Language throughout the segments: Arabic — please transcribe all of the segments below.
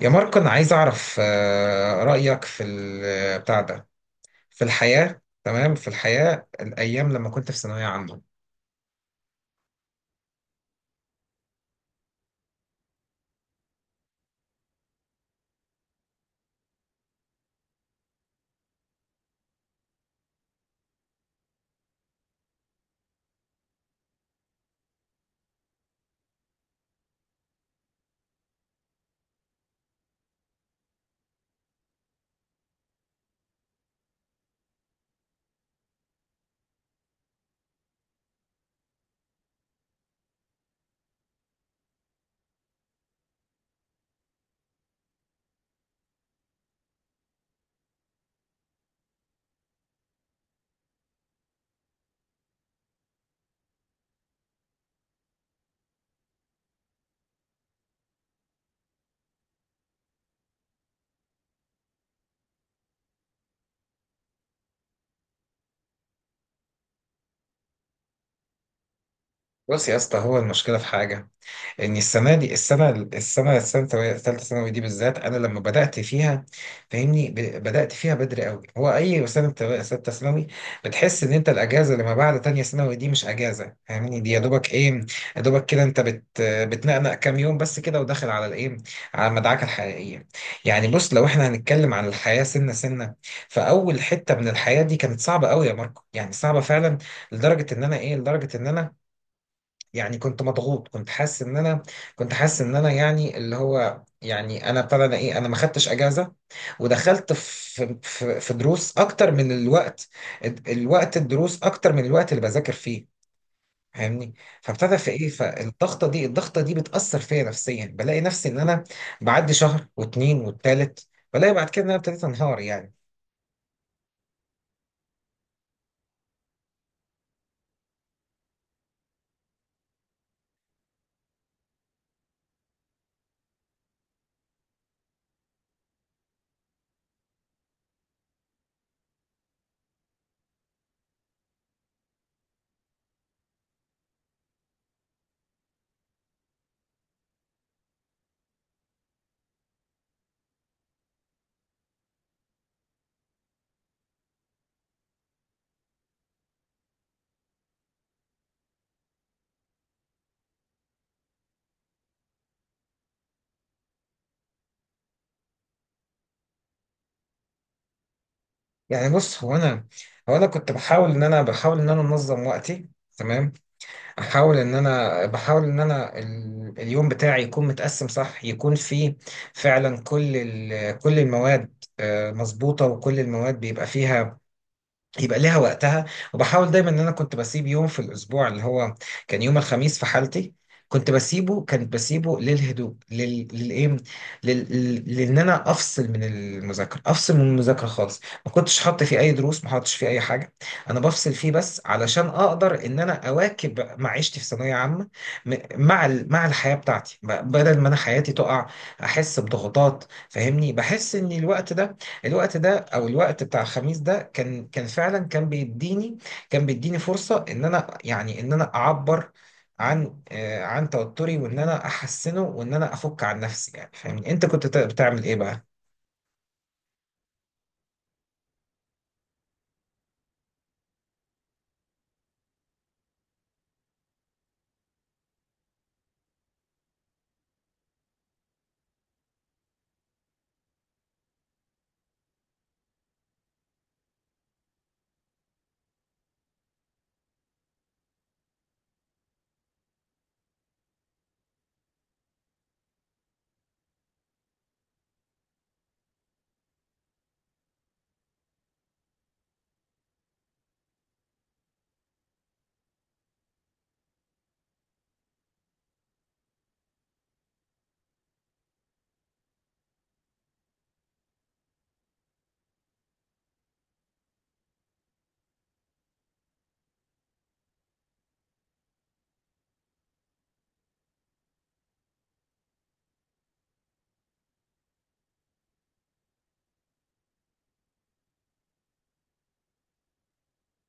يا ماركو، أنا عايز أعرف رأيك في بتاع ده في الحياة، تمام. في الحياة، الأيام لما كنت في ثانوية عامة. بص يا اسطى، هو المشكلة في حاجة، ان السنه ثالثه ثانوي دي بالذات، انا لما بدات فيها فاهمني، بدات فيها بدري قوي. هو اي سنه ثالثه ثانوي بتحس ان انت الاجازه اللي ما بعد تانية ثانوي دي مش اجازه، فاهمني. دي يا دوبك كده، انت بتنقنق كام يوم بس كده، وداخل على الايه على المدعكه الحقيقيه. يعني بص، لو احنا هنتكلم عن الحياه سنه سنه، فاول حته من الحياه دي كانت صعبه قوي يا ماركو، يعني صعبه فعلا. لدرجه ان انا يعني كنت مضغوط، كنت حاسس ان انا يعني اللي هو يعني انا ابتدى انا ايه انا ما خدتش اجازه. ودخلت في دروس اكتر من الوقت، الدروس اكتر من الوقت اللي بذاكر فيه، فاهمني. فابتدى في ايه، فالضغطه دي بتاثر فيا نفسيا، بلاقي نفسي ان انا بعدي شهر واتنين والتالت بلاقي بعد كده ان انا ابتديت انهار يعني. يعني بص، هو انا كنت بحاول ان انا انظم وقتي. تمام. احاول ان انا بحاول ان انا ال- اليوم بتاعي يكون متقسم صح، يكون فيه فعلا كل المواد مظبوطة، وكل المواد بيبقى فيها يبقى ليها وقتها. وبحاول دايما ان انا كنت بسيب يوم في الاسبوع، اللي هو كان يوم الخميس في حالتي، كنت بسيبه للهدوء، لل... للايه لل... لل- لان انا افصل من المذاكره خالص. ما كنتش حاطط فيه اي دروس، ما حاطش فيه اي حاجه، انا بفصل فيه بس علشان اقدر ان انا اواكب معيشتي في ثانويه عامه مع الحياه بتاعتي، بدل ما انا حياتي تقع، احس بضغوطات، فاهمني. بحس ان الوقت بتاع الخميس ده، كان كان فعلا كان بيديني كان بيديني فرصة ان انا اعبر عن توتري، وان انا احسنه وان انا افك عن نفسي يعني، فاهمني. انت كنت بتعمل ايه بقى؟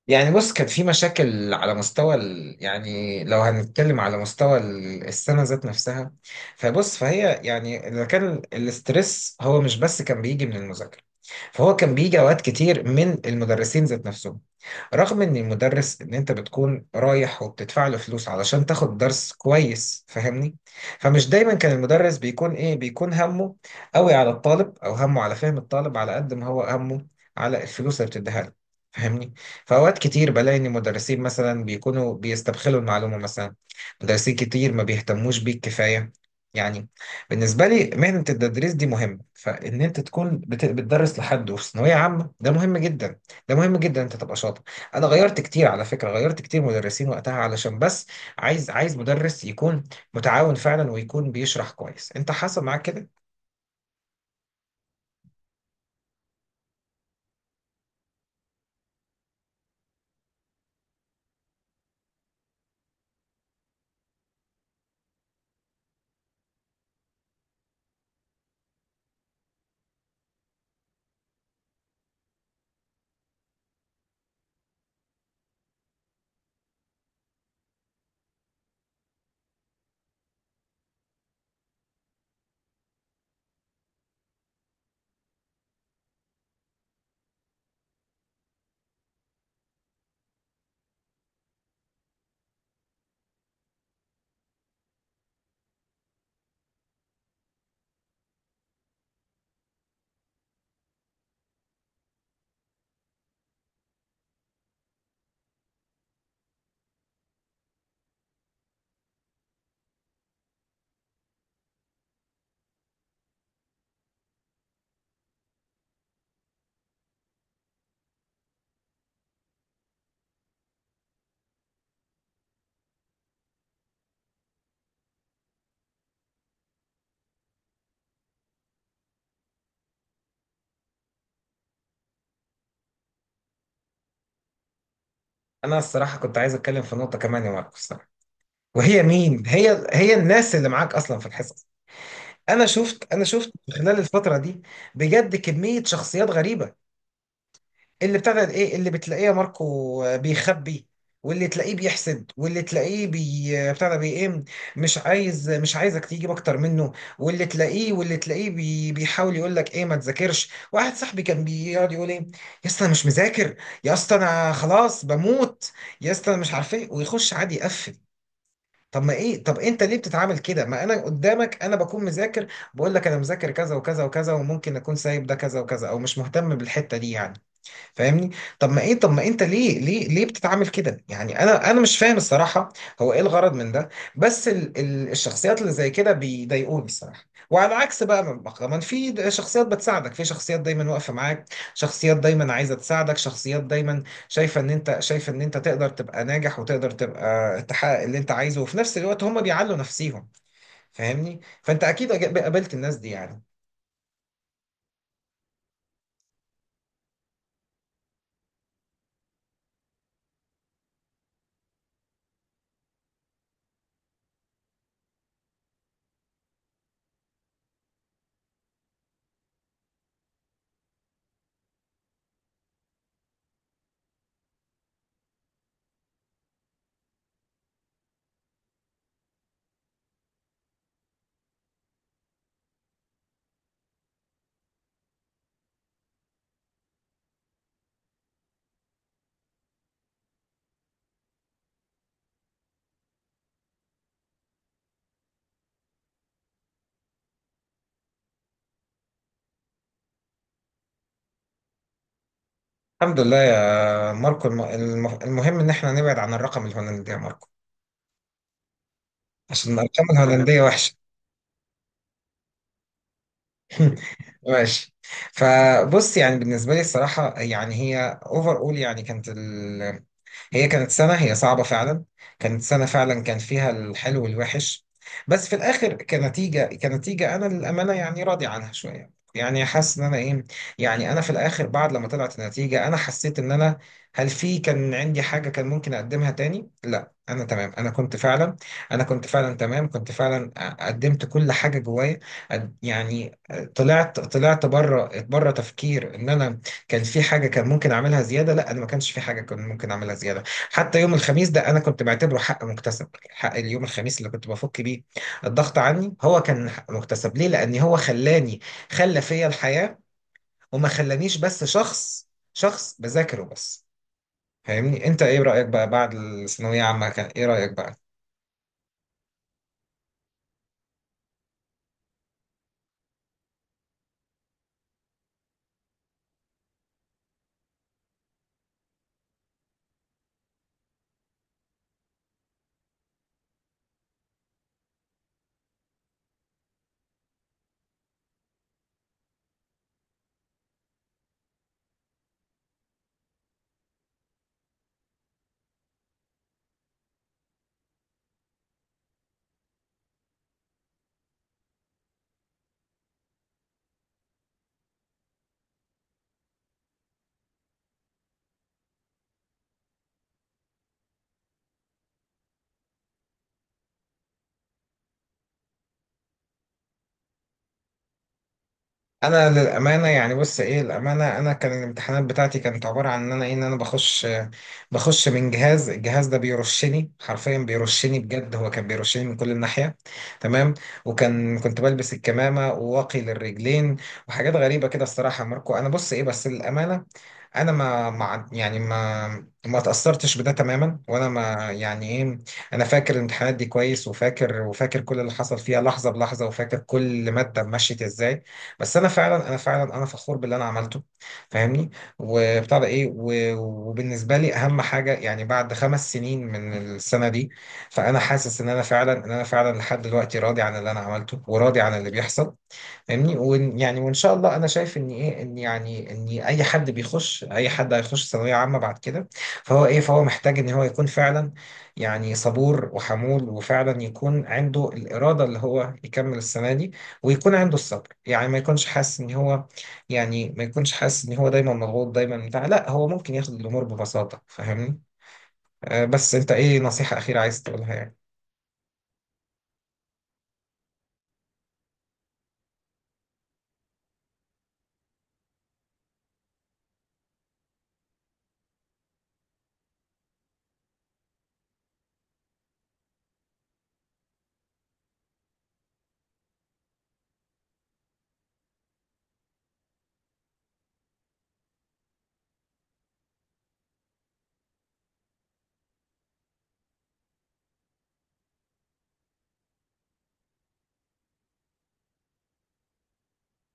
يعني بص، كان في مشاكل على مستوى يعني لو هنتكلم على مستوى السنة ذات نفسها. فبص، فهي يعني إذا كان الاسترس هو مش بس كان بيجي من المذاكرة، فهو كان بيجي اوقات كتير من المدرسين ذات نفسهم. رغم ان انت بتكون رايح وبتدفع له فلوس علشان تاخد درس كويس، فاهمني. فمش دايما كان المدرس بيكون همه قوي على الطالب، او همه على فهم الطالب على قد ما هو همه على الفلوس اللي بتديها له، فاهمني. فاوقات كتير بلاقي ان المدرسين مثلا بيكونوا بيستبخلوا المعلومه مثلا، مدرسين كتير ما بيهتموش بيك كفايه يعني. بالنسبة لي مهنة التدريس دي مهمة، فإن أنت تكون بتدرس لحد وفي ثانوية عامة ده مهم جدا. ده مهم جدا أنت تبقى شاطر. أنا غيرت كتير على فكرة، غيرت كتير مدرسين وقتها علشان بس عايز مدرس يكون متعاون فعلا، ويكون بيشرح كويس. أنت حصل معاك كده؟ أنا الصراحة كنت عايز أتكلم في نقطة كمان يا ماركو الصراحة، وهي مين، هي الناس اللي معاك أصلا في الحصص. أنا شفت خلال الفترة دي بجد كمية شخصيات غريبة. اللي ابتدى ايه اللي بتلاقيه يا ماركو بيخبي، واللي تلاقيه بيحسد، واللي تلاقيه بي بتاع ده بي ايه مش عايز مش عايزك تجيب اكتر منه، واللي تلاقيه واللي تلاقيه بي بيحاول يقول لك ايه ما تذاكرش. واحد صاحبي كان بيقعد يقول ايه، يا اسطى انا مش مذاكر، يا اسطى انا خلاص بموت، يا اسطى انا مش عارف ايه، ويخش عادي يقفل. طب ما ايه طب انت ليه بتتعامل كده؟ ما انا قدامك انا بكون مذاكر، بقول لك انا مذاكر كذا وكذا وكذا، وممكن اكون سايب ده كذا وكذا او مش مهتم بالحتة دي يعني، فاهمني. طب ما انت ليه بتتعامل كده؟ يعني انا مش فاهم الصراحه، هو ايه الغرض من ده؟ بس ال ال الشخصيات اللي زي كده بيضايقوني الصراحه. وعلى عكس بقى، كمان في شخصيات بتساعدك، في شخصيات دايما واقفه معاك، شخصيات دايما عايزه تساعدك، شخصيات دايما شايفه ان انت تقدر تبقى ناجح وتقدر تبقى تحقق اللي انت عايزه، وفي نفس الوقت هم بيعلوا نفسيهم، فاهمني. فانت اكيد قابلت الناس دي يعني. الحمد لله يا ماركو، المهم ان احنا نبعد عن الرقم الهولندي يا ماركو، عشان الارقام الهولنديه وحشه. ماشي. فبص يعني بالنسبه لي الصراحه، يعني هي اوفر اول يعني كانت سنة، هي صعبة فعلا، كانت سنة فعلا، كان فيها الحلو والوحش. بس في الآخر، كنتيجة أنا للأمانة يعني راضي عنها شوية، يعني حاسس إن أنا إيه. يعني أنا في الآخر بعد لما طلعت النتيجة، أنا حسيت إن أنا هل في كان عندي حاجة كان ممكن أقدمها تاني؟ لا أنا تمام. أنا كنت فعلا قدمت كل حاجة جوايا. يعني طلعت، بره بره تفكير إن أنا كان في حاجة كان ممكن أعملها زيادة، لا أنا ما كانش في حاجة كان ممكن أعملها زيادة. حتى يوم الخميس ده انا كنت بعتبره حق مكتسب، حق اليوم الخميس اللي كنت بفك بيه الضغط عني، هو كان حق مكتسب ليه. لان هو خلى فيا الحياة، وما خلانيش بس شخص، بذاكره بس، فاهمني. انت ايه رأيك بقى بعد الثانوية عامة؟ كان ايه رأيك بقى؟ انا للامانه، يعني بص ايه الامانه، انا كان الامتحانات بتاعتي كانت عباره عن ان انا بخش، من الجهاز ده بيرشني حرفيا، بيرشني بجد، هو كان بيرشني من كل الناحيه. تمام. كنت بلبس الكمامه وواقي للرجلين وحاجات غريبه كده الصراحه يا ماركو. انا بص ايه بس للامانه، انا ما ما يعني ما ما تاثرتش بده تماما، وانا ما يعني ايه انا فاكر الامتحانات دي كويس، وفاكر كل اللي حصل فيها لحظه بلحظه، وفاكر كل ماده مشيت ازاي. بس انا فخور باللي انا عملته، فاهمني. وبتاع ده ايه و- وبالنسبه لي اهم حاجه يعني بعد 5 سنين من السنه دي، فانا حاسس ان انا فعلا لحد دلوقتي راضي عن اللي انا عملته، وراضي عن اللي بيحصل، فاهمني. يعني وان شاء الله انا شايف ان ايه ان يعني ان اي حد هيخش ثانويه عامه بعد كده، فهو محتاج ان هو يكون فعلا يعني صبور وحمول، وفعلا يكون عنده الاراده اللي هو يكمل السنه دي، ويكون عنده الصبر. يعني ما يكونش حاسس ان هو يعني ما يكونش حاسس ان هو دايما مضغوط، دايما لا، هو ممكن ياخد الامور ببساطه، فاهمني. بس انت ايه نصيحه اخيره عايز تقولها يعني؟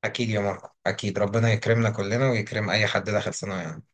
اكيد يا ماركو، اكيد ربنا يكرمنا كلنا ويكرم اي حد داخل ثانويه عامة.